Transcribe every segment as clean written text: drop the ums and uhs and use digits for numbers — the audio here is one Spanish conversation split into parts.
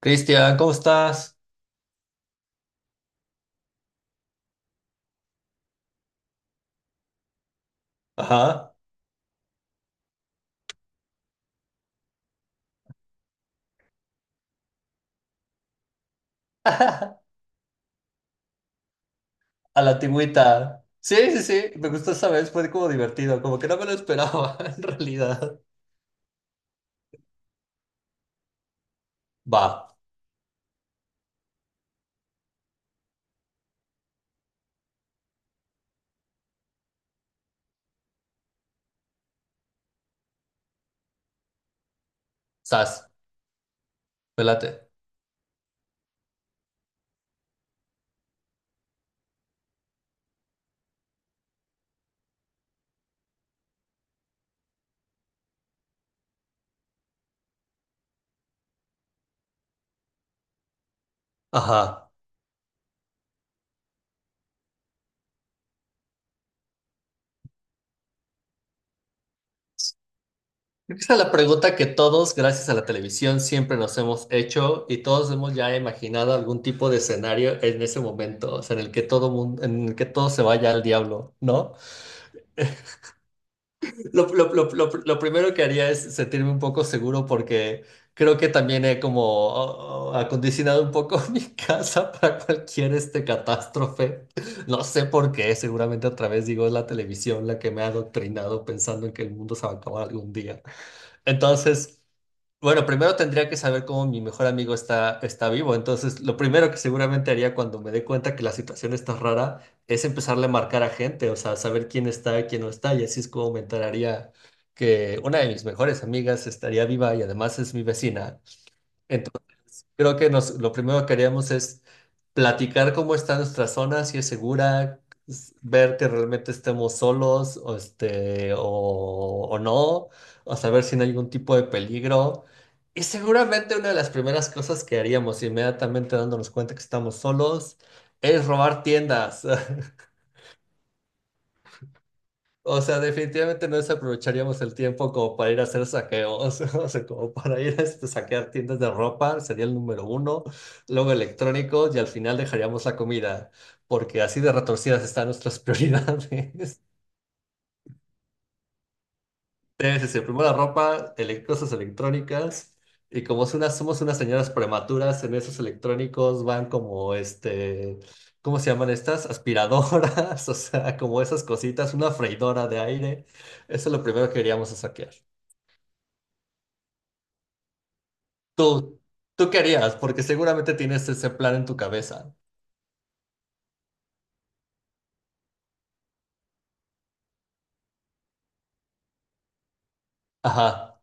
Cristian, ¿cómo estás? Ajá. A la antigüita. Sí, sí, sí. Me gustó esa vez. Fue como divertido. Como que no me lo esperaba, en realidad. Va. Sas. Pelate. Ajá. Creo que esa es la pregunta que todos, gracias a la televisión, siempre nos hemos hecho y todos hemos ya imaginado algún tipo de escenario en ese momento, o sea, en el que todo mundo, en el que todo se vaya al diablo, ¿no? Lo primero que haría es sentirme un poco seguro porque creo que también he como oh, oh, acondicionado un poco mi casa para cualquier este catástrofe. No sé por qué, seguramente otra vez digo, es la televisión la que me ha adoctrinado pensando en que el mundo se va a acabar algún día. Entonces... Bueno, primero tendría que saber cómo mi mejor amigo está vivo. Entonces, lo primero que seguramente haría cuando me dé cuenta que la situación está rara es empezarle a marcar a gente, o sea, saber quién está, quién no está. Y así es como me enteraría que una de mis mejores amigas estaría viva y además es mi vecina. Creo que nos, lo primero que haríamos es platicar cómo está nuestra zona, si es segura, s- ver que realmente estemos solos o, este, o no, o saber si no hay algún tipo de peligro. Y seguramente una de las primeras cosas que haríamos inmediatamente dándonos cuenta que estamos solos es robar tiendas. O sea, definitivamente no desaprovecharíamos el tiempo como para ir a hacer saqueos, o sea, como para ir a este, saquear tiendas de ropa, sería el número uno, luego electrónicos y al final dejaríamos la comida, porque así de retorcidas están nuestras prioridades. Debe ser primero la ropa, ele- cosas electrónicas, y como es una- somos unas señoras prematuras, en esos electrónicos van como este, ¿cómo se llaman estas? Aspiradoras, o sea, como esas cositas, una freidora de aire, eso es lo primero que queríamos saquear. Tú, tú qué harías, porque seguramente tienes ese plan en tu cabeza. Ajá.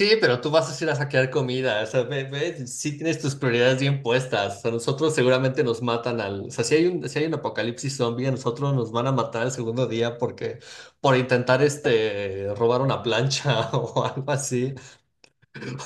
Sí, pero tú vas a ir a saquear comida. O sea, ve, ve, sí tienes tus prioridades bien puestas. A nosotros seguramente nos matan al. O sea, si hay un, si hay un apocalipsis zombie, a nosotros nos van a matar el segundo día porque por intentar este robar una plancha o algo así.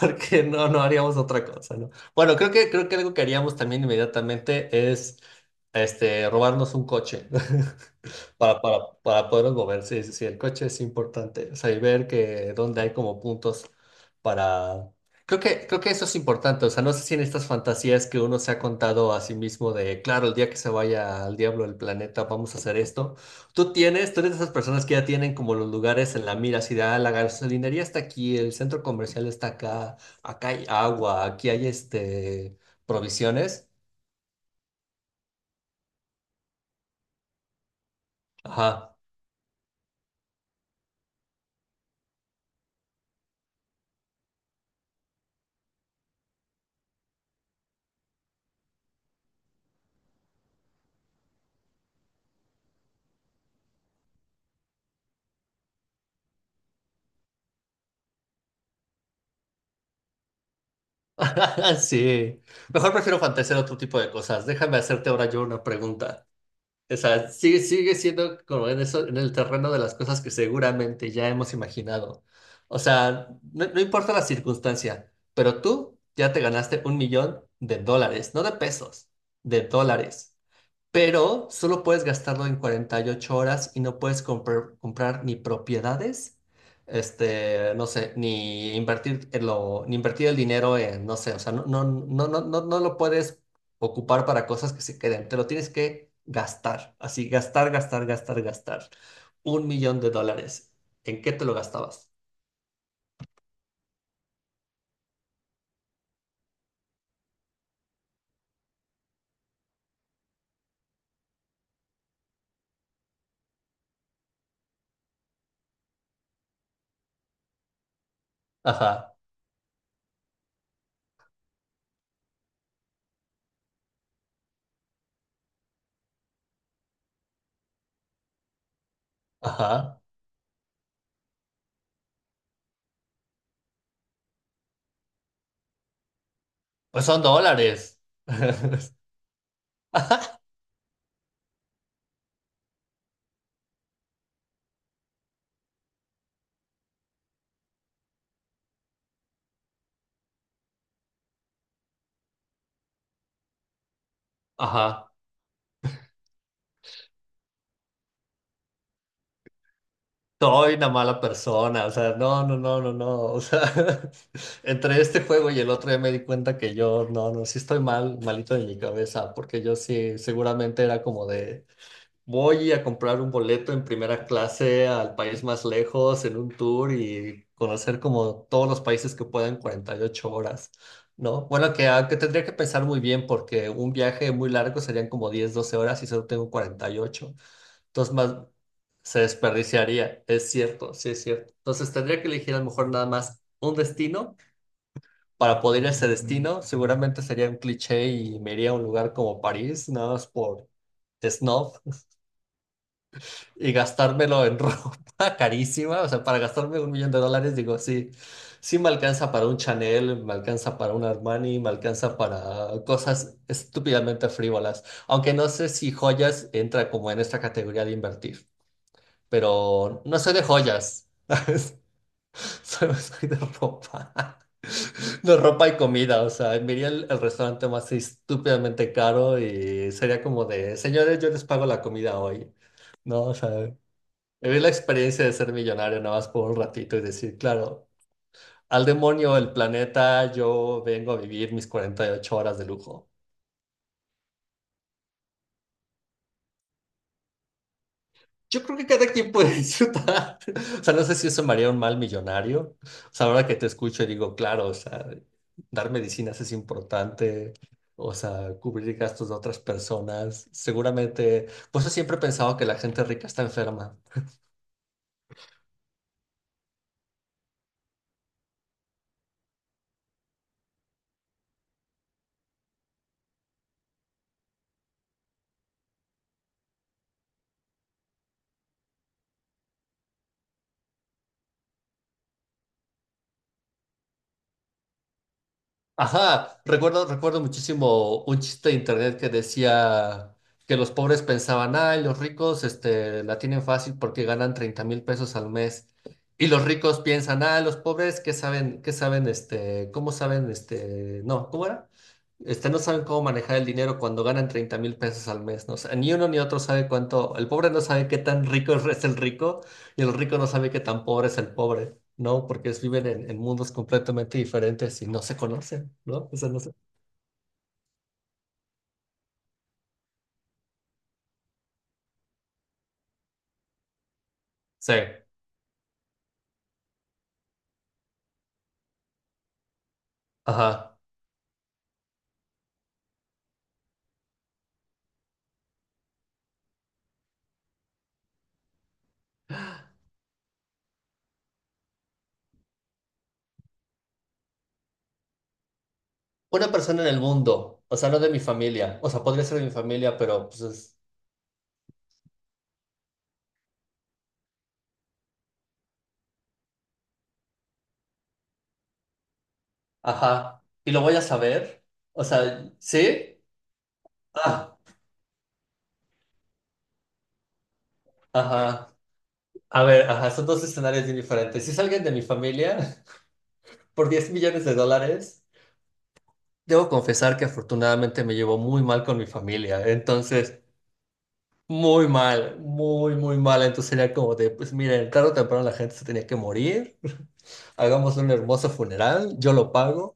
Porque no, no haríamos otra cosa, ¿no? Bueno, creo que algo que haríamos también inmediatamente es este robarnos un coche. Para podernos mover, sí, sí, sí, el coche es importante. O sea, y ver que dónde hay como puntos para... Creo que eso es importante. O sea, no sé si en estas fantasías que uno se ha contado a sí mismo de, claro, el día que se vaya al diablo el planeta, vamos a hacer esto. Tú tienes, tú eres de esas personas que ya tienen como los lugares en la mira, así de, ah, la gasolinería está aquí, el centro comercial está acá, acá hay agua, aquí hay este, provisiones. Ajá. Sí, mejor prefiero fantasear otro tipo de cosas. Déjame hacerte ahora yo una pregunta. O sea, sigue siendo como en eso, en el terreno de las cosas que seguramente ya hemos imaginado. O sea, no, no importa la circunstancia, pero tú ya te ganaste un millón de dólares, no de pesos, de dólares, pero solo puedes gastarlo en 48 horas y no puedes comprar ni propiedades, este, no sé, ni invertir el dinero en, no sé, o sea, no, no, no, no, no, no lo puedes ocupar para cosas que se queden, te lo tienes que gastar, así, gastar, gastar, gastar, gastar. Un millón de dólares. ¿En qué te lo gastabas? Ajá, ajá. Pues son dólares. Ajá. Soy una mala persona, o sea, no, no, no, no, no, o sea, entre este juego y el otro ya me di cuenta que yo, no, no, sí estoy mal, malito de mi cabeza, porque yo sí, seguramente era como de, voy a comprar un boleto en primera clase al país más lejos en un tour y conocer como todos los países que pueda en 48 horas, ¿no? Bueno, que, ah, que tendría que pensar muy bien porque un viaje muy largo serían como 10, 12 horas y solo tengo 48, entonces más se desperdiciaría, es cierto, sí es cierto. Entonces tendría que elegir a lo mejor nada más un destino. Para poder ir a ese destino, seguramente sería un cliché y me iría a un lugar como París, nada más por snob, y gastármelo en ropa carísima, o sea, para gastarme un millón de dólares, digo, sí, sí me alcanza para un Chanel, me alcanza para un Armani, me alcanza para cosas estúpidamente frívolas, aunque no sé si joyas entra como en esta categoría de invertir, pero no soy de joyas, ¿sabes? Solo soy de ropa, de ropa y comida, o sea, me iría al restaurante más estúpidamente caro y sería como de, señores, yo les pago la comida hoy, ¿no? O sea, vivir la experiencia de ser millonario nada más por un ratito y decir, claro, al demonio el planeta, yo vengo a vivir mis 48 horas de lujo. Yo creo que cada quien puede disfrutar. O sea, no sé si eso me haría un mal millonario. O sea, ahora que te escucho y digo, claro, o sea, dar medicinas es importante. O sea, cubrir gastos de otras personas. Seguramente, pues yo siempre he pensado que la gente rica está enferma. Ajá, recuerdo muchísimo un chiste de internet que decía que los pobres pensaban, ay, los ricos este, la tienen fácil porque ganan 30,000 pesos al mes. Y los ricos piensan, ah, los pobres, ¿qué saben? ¿Qué saben? Este, ¿cómo saben? Este, no, ¿cómo era? Este, no saben cómo manejar el dinero cuando ganan 30,000 pesos al mes, ¿no? O sea, ni uno ni otro sabe cuánto, el pobre no sabe qué tan rico es el rico y el rico no sabe qué tan pobre es el pobre. No, porque es- viven en mundos completamente diferentes y no se conocen, ¿no? O sea, no se... Sí, ajá. Una persona en el mundo, o sea, no de mi familia, o sea, podría ser de mi familia, pero pues es... Ajá. ¿Y lo voy a saber? O sea, ¿sí? Ah, ajá. A ver, ajá, son dos escenarios bien diferentes. Si es alguien de mi familia, por 10 millones de dólares, debo confesar que afortunadamente me llevo muy mal con mi familia. Entonces... Muy mal, muy, muy mal. Entonces era como de, pues miren, tarde o temprano la gente se tenía que morir. Hagamos un hermoso funeral, yo lo pago.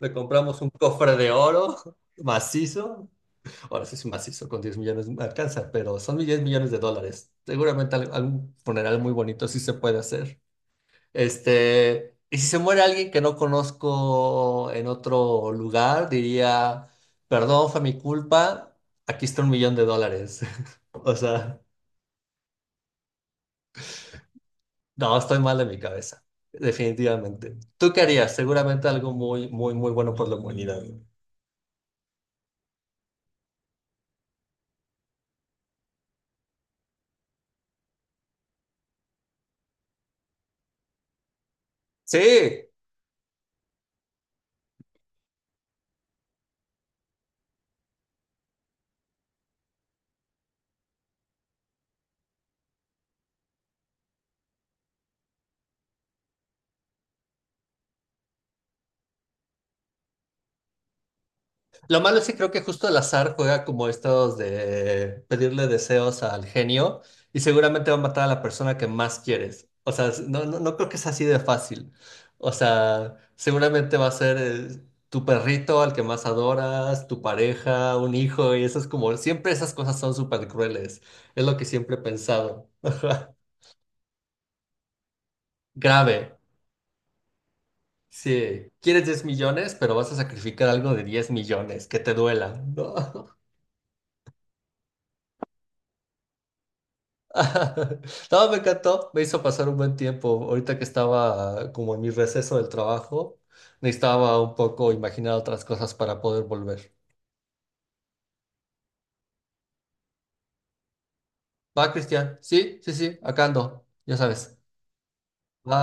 Le compramos un cofre de oro macizo. Ahora sí es macizo, con 10 millones me alcanza, pero son 10 millones de dólares. Seguramente al- algún funeral muy bonito sí se puede hacer. Este, y si se muere alguien que no conozco en otro lugar, diría, perdón, fue mi culpa, aquí está un millón de dólares. O sea... No, estoy mal de mi cabeza, definitivamente. ¿Tú qué harías? Seguramente algo muy, muy, muy bueno por la humanidad, ¿no? Sí, lo malo es que creo que justo el azar juega como estos de pedirle deseos al genio y seguramente va a matar a la persona que más quieres. O sea, no, no, no creo que es así de fácil. O sea, seguramente va a ser tu perrito al que más adoras, tu pareja, un hijo y eso es como, siempre esas cosas son súper crueles. Es lo que siempre he pensado. Grave. Sí, quieres 10 millones, pero vas a sacrificar algo de 10 millones, que te duela. No, no, me encantó, me hizo pasar un buen tiempo. Ahorita que estaba como en mi receso del trabajo, necesitaba un poco imaginar otras cosas para poder volver. Va, Cristian, sí, sí, sí, acá ando, ya sabes. Va.